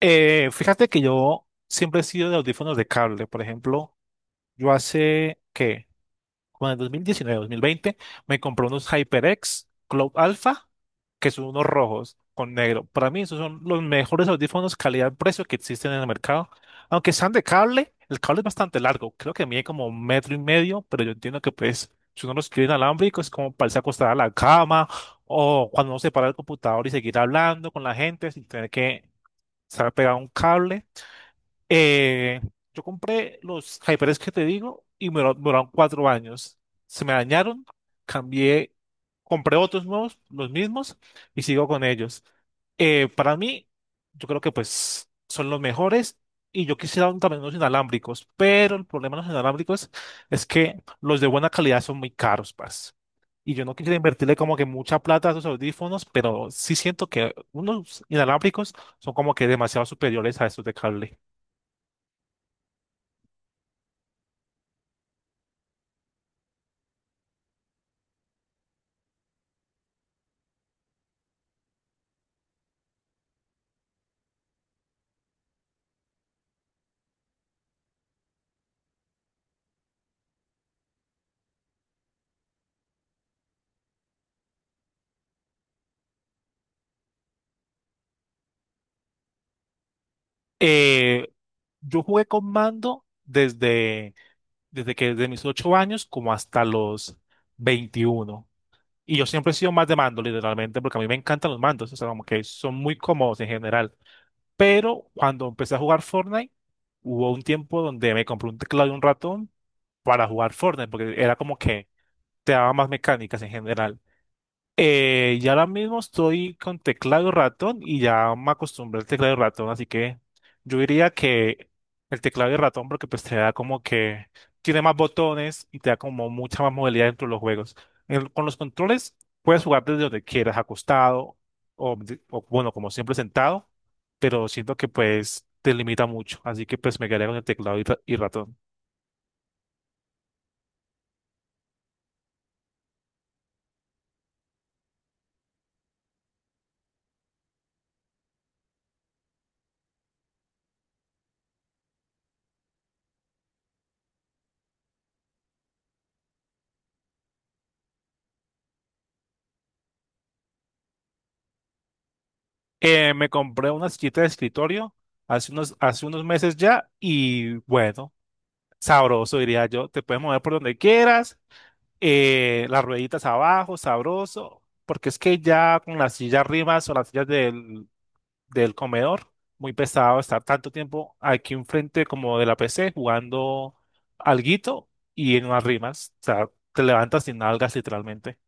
Fíjate que yo siempre he sido de audífonos de cable. Por ejemplo, yo hace, ¿qué? Como en el 2019, 2020, me compré unos HyperX Cloud Alpha, que son unos rojos con negro. Para mí, esos son los mejores audífonos calidad-precio que existen en el mercado. Aunque sean de cable, el cable es bastante largo. Creo que mide como un metro y medio, pero yo entiendo que, pues, si uno los quiere inalámbricos, es como para irse acostar a la cama o cuando uno se para el computador y seguir hablando con la gente sin tener que estar pegado a un cable. Eh, yo compré los HyperX que te digo y me duraron 4 años. Se me dañaron, cambié, compré otros nuevos, los mismos, y sigo con ellos. Para mí, yo creo que pues son los mejores y yo quisiera también unos inalámbricos, pero el problema de los inalámbricos es que los de buena calidad son muy caros, parce. Y yo no quisiera invertirle como que mucha plata a esos audífonos, pero sí siento que unos inalámbricos son como que demasiado superiores a esos de cable. Eh, yo jugué con mando desde mis 8 años como hasta los 21. Y yo siempre he sido más de mando, literalmente, porque a mí me encantan los mandos, o sea, como que son muy cómodos en general. Pero cuando empecé a jugar Fortnite, hubo un tiempo donde me compré un teclado y un ratón para jugar Fortnite, porque era como que te daba más mecánicas en general. Y ahora mismo estoy con teclado y ratón y ya me acostumbré al teclado y ratón, así que yo diría que el teclado y ratón porque pues te da como que tiene más botones y te da como mucha más movilidad dentro de los juegos. Con los controles puedes jugar desde donde quieras, acostado o, bueno, como siempre sentado, pero siento que pues te limita mucho, así que pues me quedaría con el teclado y, y ratón. Me compré una sillita de escritorio hace unos meses ya y bueno. Sabroso, diría yo. Te puedes mover por donde quieras, las rueditas abajo, sabroso, porque es que ya con las sillas rimas o las sillas del comedor, muy pesado estar tanto tiempo aquí enfrente como de la PC jugando alguito y en unas rimas. O sea, te levantas sin nalgas literalmente.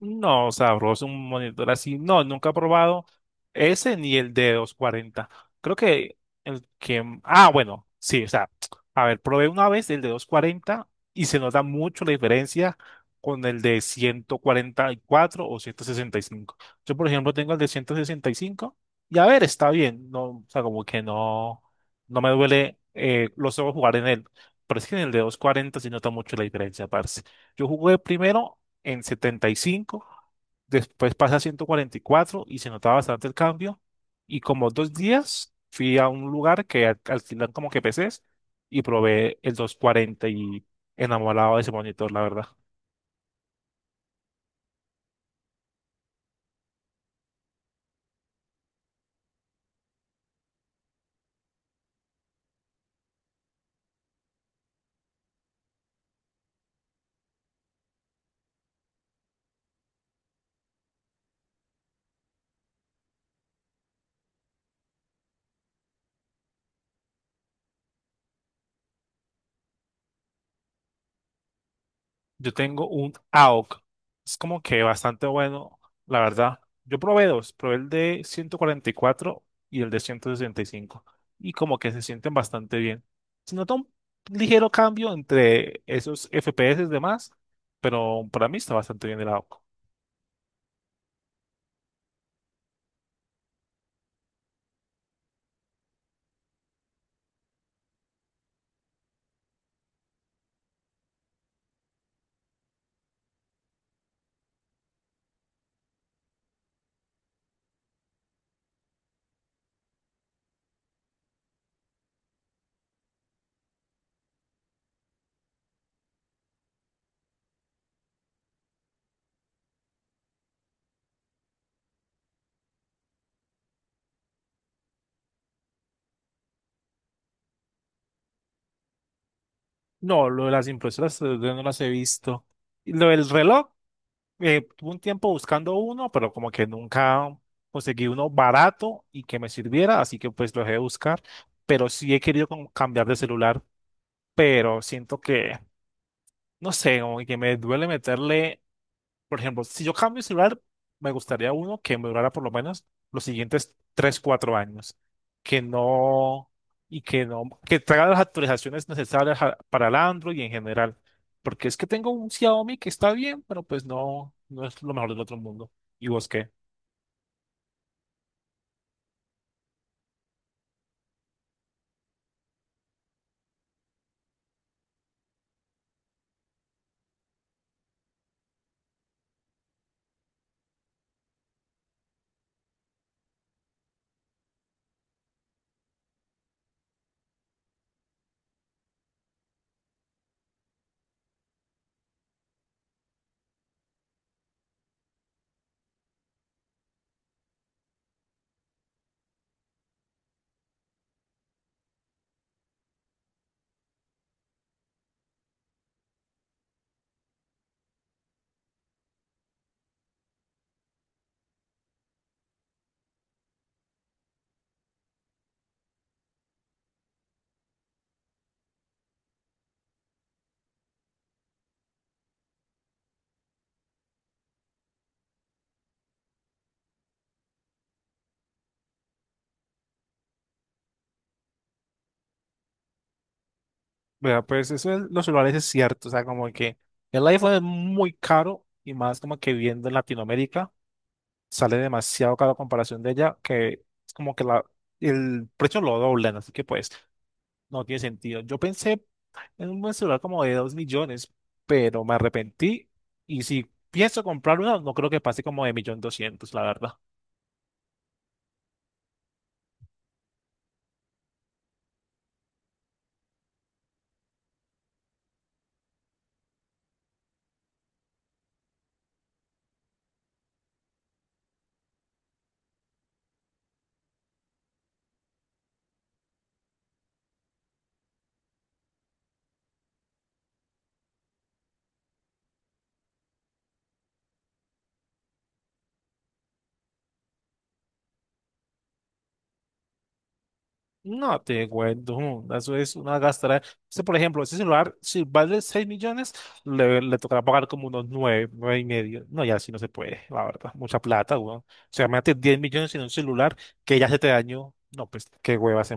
No, sabroso, un monitor así. No, nunca he probado ese ni el de 240. Creo que el que... Ah, bueno, sí, o sea, a ver, probé una vez el de 240 y se nota mucho la diferencia con el de 144 o 165. Yo, por ejemplo, tengo el de 165 y cinco y a ver, está bien. No, o sea, como que no, no me duele los ojos jugar en él. Pero es que en el de 240 sí nota mucho la diferencia, parce. Yo jugué primero en 75, después pasé a 144 y se notaba bastante el cambio. Y como dos días fui a un lugar que alquilan como que PCs y probé el 240 y enamorado de ese monitor, la verdad. Yo tengo un AOC. Es como que bastante bueno, la verdad. Yo probé dos, probé el de 144 y el de 165 y como que se sienten bastante bien. Se nota un ligero cambio entre esos FPS y demás, pero para mí está bastante bien el AOC. No, lo de las impresoras 3D no las he visto. Y lo del reloj, tuve un tiempo buscando uno, pero como que nunca conseguí uno barato y que me sirviera, así que pues lo dejé de buscar. Pero sí he querido como cambiar de celular, pero siento que, no sé, como que me duele meterle por ejemplo, si yo cambio el celular, me gustaría uno que me durara por lo menos los siguientes 3 4 años, que no, y que no, que traiga las actualizaciones necesarias para el Android y en general, porque es que tengo un Xiaomi que está bien, pero pues no, no es lo mejor del otro mundo. ¿Y vos qué? Vea, pues eso es, los celulares es cierto, o sea, como que el iPhone es muy caro y más como que viendo en Latinoamérica, sale demasiado caro a comparación de ella, que es como que la el precio lo doblan, así que pues no tiene sentido. Yo pensé en un buen celular como de 2 millones, pero me arrepentí. Y si pienso comprar uno, no creo que pase como de millón doscientos, la verdad. No te cuento, eso es una gastadera. Este, por ejemplo, ese celular, si vale 6 millones, le tocará pagar como unos 9, 9 y medio. No, ya así no se puede, la verdad. Mucha plata, weón. O sea, imagínate 10 millones en un celular que ya se te dañó. No, pues qué hueva se.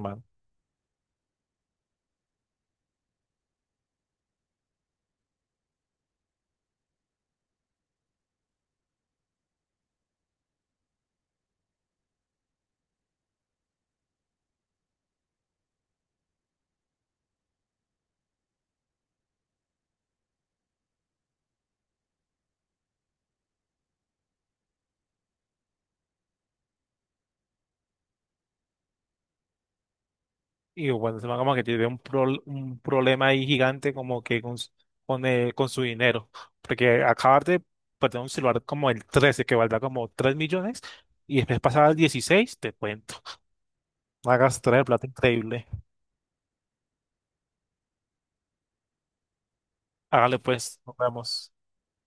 Y bueno, se como que tiene un problema ahí gigante como que con su dinero. Porque acabas de perder un celular como el 13 que valdrá como 3 millones, y después pasar al 16 te cuento. Hagas traer plata increíble. Hágale pues, nos vemos.